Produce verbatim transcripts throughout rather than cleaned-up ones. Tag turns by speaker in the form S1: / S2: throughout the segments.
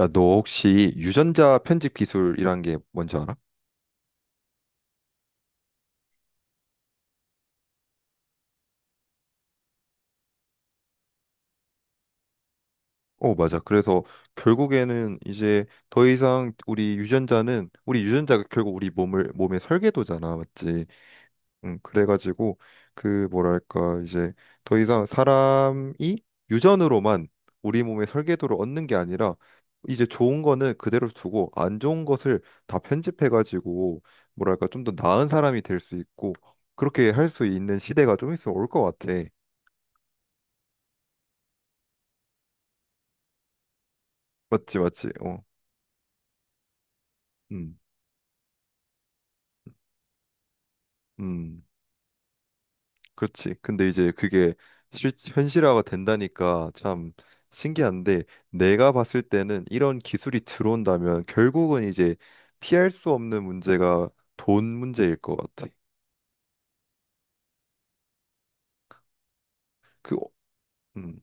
S1: 야, 너 혹시 유전자 편집 기술이란 게 뭔지 알아? 어, 맞아. 그래서 결국에는 이제 더 이상 우리 유전자는 우리 유전자가 결국 우리 몸을 몸의 설계도잖아, 맞지? 음, 그래가지고 그 뭐랄까 이제 더 이상 사람이 유전으로만 우리 몸의 설계도를 얻는 게 아니라 이제 좋은 거는 그대로 두고 안 좋은 것을 다 편집해가지고 뭐랄까 좀 더 나은 사람이 될 수 있고 그렇게 할 수 있는 시대가 좀 있으면 올 것 같아. 맞지, 맞지. 어. 음, 음, 그렇지. 근데 이제 그게 실, 현실화가 된다니까 참 신기한데 내가 봤을 때는 이런 기술이 들어온다면 결국은 이제 피할 수 없는 문제가 돈 문제일 것 같아. 그, 어, 음.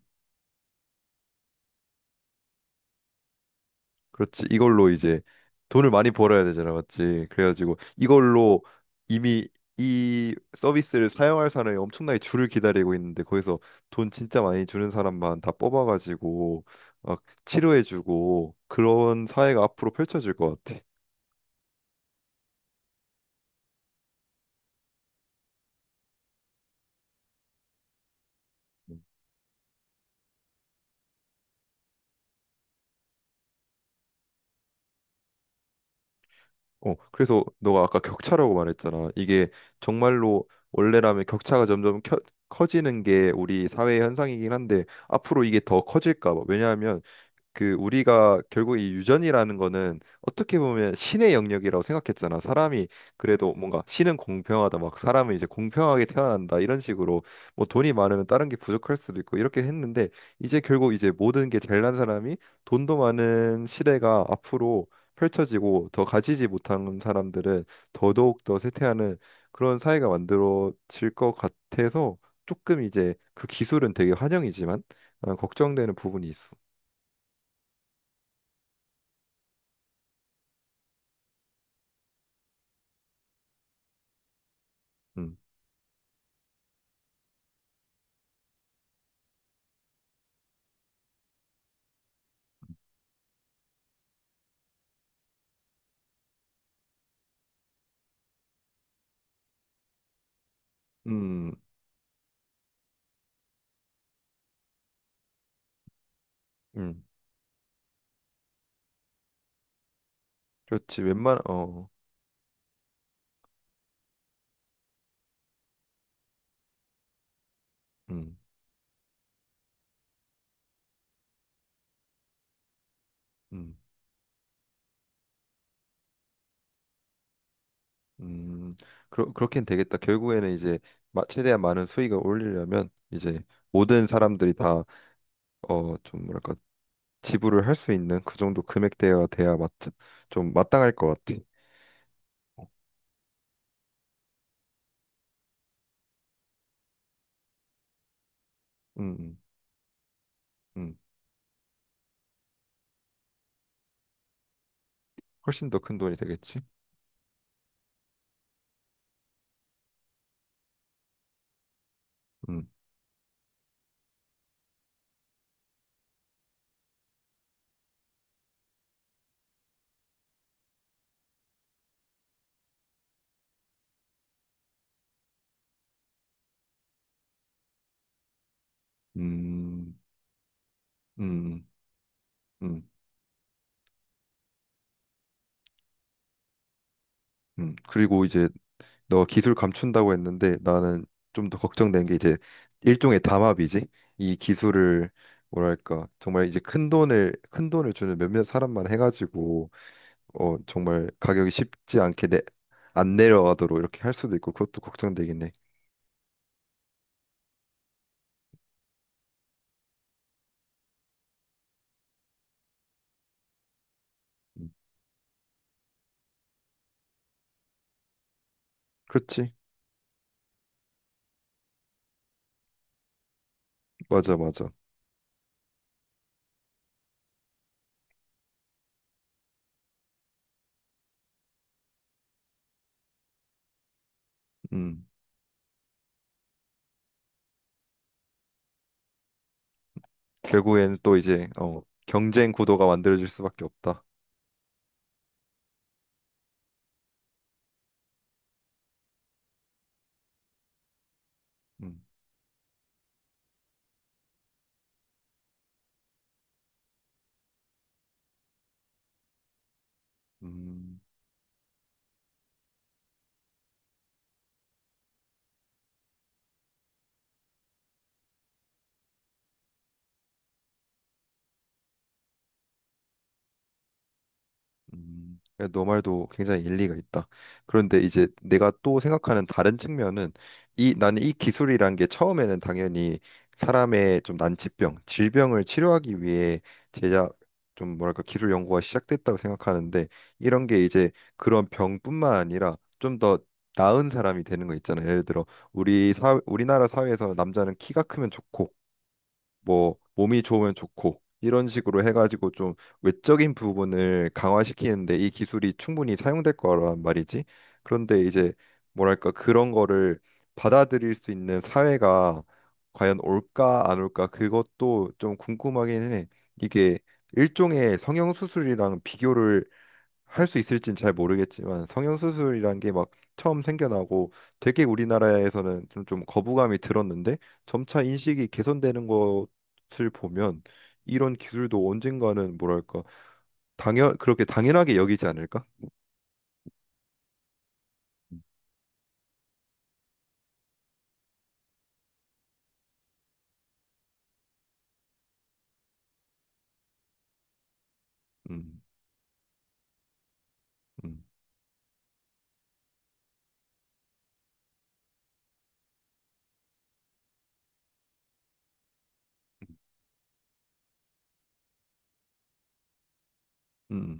S1: 그렇지. 이걸로 이제 돈을 많이 벌어야 되잖아, 맞지? 그래가지고 이걸로 이미 이 서비스를 사용할 사람이 엄청나게 줄을 기다리고 있는데 거기서 돈 진짜 많이 주는 사람만 다 뽑아가지고 막 치료해주고 그런 사회가 앞으로 펼쳐질 것 같아. 어, 그래서 너가 아까 격차라고 말했잖아. 이게 정말로 원래라면 격차가 점점 켜- 커지는 게 우리 사회의 현상이긴 한데 앞으로 이게 더 커질까 봐. 왜냐하면 그 우리가 결국 이 유전이라는 거는 어떻게 보면 신의 영역이라고 생각했잖아. 사람이 그래도 뭔가 신은 공평하다, 막 사람은 이제 공평하게 태어난다 이런 식으로 뭐 돈이 많으면 다른 게 부족할 수도 있고 이렇게 했는데 이제 결국 이제 모든 게 잘난 사람이 돈도 많은 시대가 앞으로 펼쳐지고 더 가지지 못한 사람들은 더더욱 더 쇠퇴하는 그런 사회가 만들어질 것 같아서 조금 이제 그 기술은 되게 환영이지만 아, 걱정되는 부분이 있어. 음. 음, 음, 그렇지. 웬만, 어, 음, 음, 음, 그러, 그렇긴 되겠다. 결국에는 이제 마- 최대한 많은 수익을 올리려면 이제 모든 사람들이 다, 어, 좀 뭐랄까, 지불을 할 수 있는 그 정도 금액대가 돼야 맞, 좀 마땅할 것 같아. 음, 음, 음. 훨씬 더 큰 돈이 되겠지. 음, 음, 음, 음, 음. 그리고 이제 너 기술 감춘다고 했는데 나는 좀 더 걱정된 게 이제 일종의 담합이지. 이 기술을 뭐랄까 정말 이제 큰 돈을 큰 돈을 주는 몇몇 사람만 해가지고 어 정말 가격이 쉽지 않게 내, 안 내려가도록 이렇게 할 수도 있고 그것도 걱정되긴 해. 음, 그렇지? 맞아 맞아. 음 결국에는 또 이제 어 경쟁 구도가 만들어질 수밖에 없다. 음. 음. 음, 너 말도 굉장히 일리가 있다. 그런데 이제 내가 또 생각하는 다른 측면은 이 나는 이 기술이란 게 처음에는 당연히 사람의 좀 난치병, 질병을 치료하기 위해 제작 좀 뭐랄까 기술 연구가 시작됐다고 생각하는데 이런 게 이제 그런 병뿐만 아니라 좀 더 나은 사람이 되는 거 있잖아요. 예를 들어 우리 사 우리나라 사회에서 남자는 키가 크면 좋고 뭐 몸이 좋으면 좋고 이런 식으로 해가지고 좀 외적인 부분을 강화시키는데 이 기술이 충분히 사용될 거란 말이지. 그런데 이제 뭐랄까 그런 거를 받아들일 수 있는 사회가 과연 올까 안 올까 그것도 좀 궁금하긴 해. 이게 일종의 성형수술이랑 비교를 할 수 있을진 잘 모르겠지만 성형수술이란 게 막 처음 생겨나고 되게 우리나라에서는 좀, 좀 거부감이 들었는데 점차 인식이 개선되는 것을 보면 이런 기술도 언젠가는 뭐랄까 당연 그렇게 당연하게 여기지 않을까? 음, 음, 음, 음,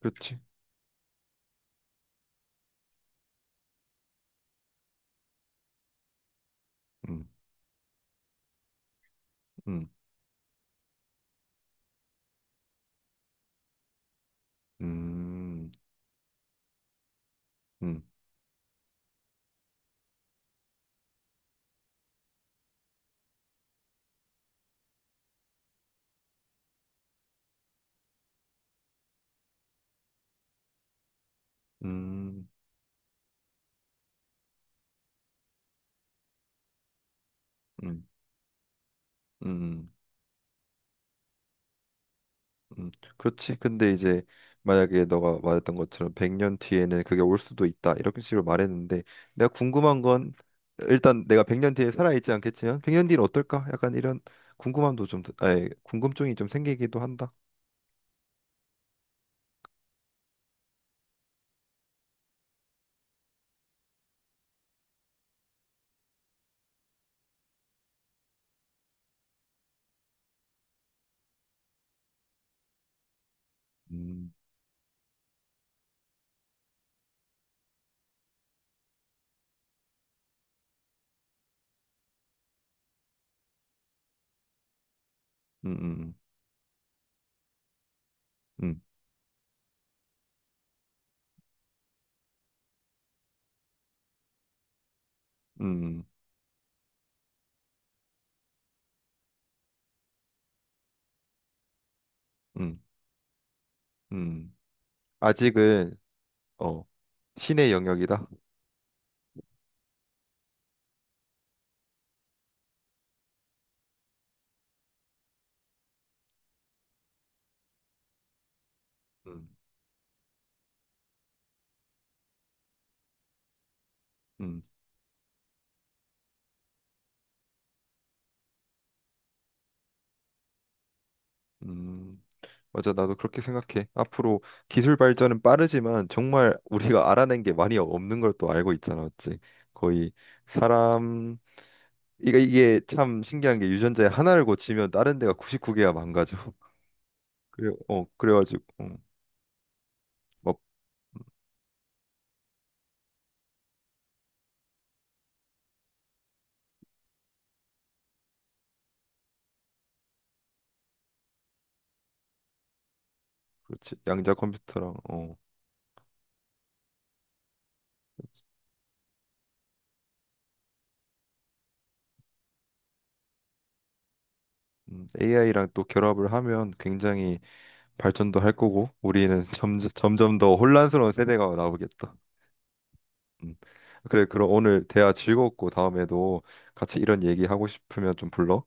S1: 그렇지. 음, 음, 음, 음, 음, 음, 음. 음, 그렇지. 근데 이제 만약에 너가 말했던 것처럼 백 년 뒤에는 그게 올 수도 있다. 이렇게 식으로 말했는데 내가 궁금한 건 일단 내가 백 년 뒤에 살아 있지 않겠지만 백 년 뒤는 어떨까? 약간 이런 궁금함도 좀 드- 아니, 궁금증이 좀 생기기도 한다. 음, 음, 음, 음, 음, 음, 음. 음. 아직은 어 신의 영역이다. 음, 음, 음. 맞아, 나도 그렇게 생각해. 앞으로 기술 발전은 빠르지만 정말 우리가 알아낸 게 많이 없는 걸 또 알고 있잖아, 맞지? 거의 사람 이게 이게 참 신기한 게 유전자에 하나를 고치면 다른 데가 아흔아홉 개가 망가져. 그래, 어, 그래가지고 어, 막 그렇지. 양자 컴퓨터랑 어, 에이아이랑 또 결합을 하면 굉장히 발전도 할 거고 우리는 점점 점점 더 혼란스러운 세대가 나오겠다. 음. 그래, 그럼 오늘 대화 즐거웠고 다음에도 같이 이런 얘기 하고 싶으면 좀 불러.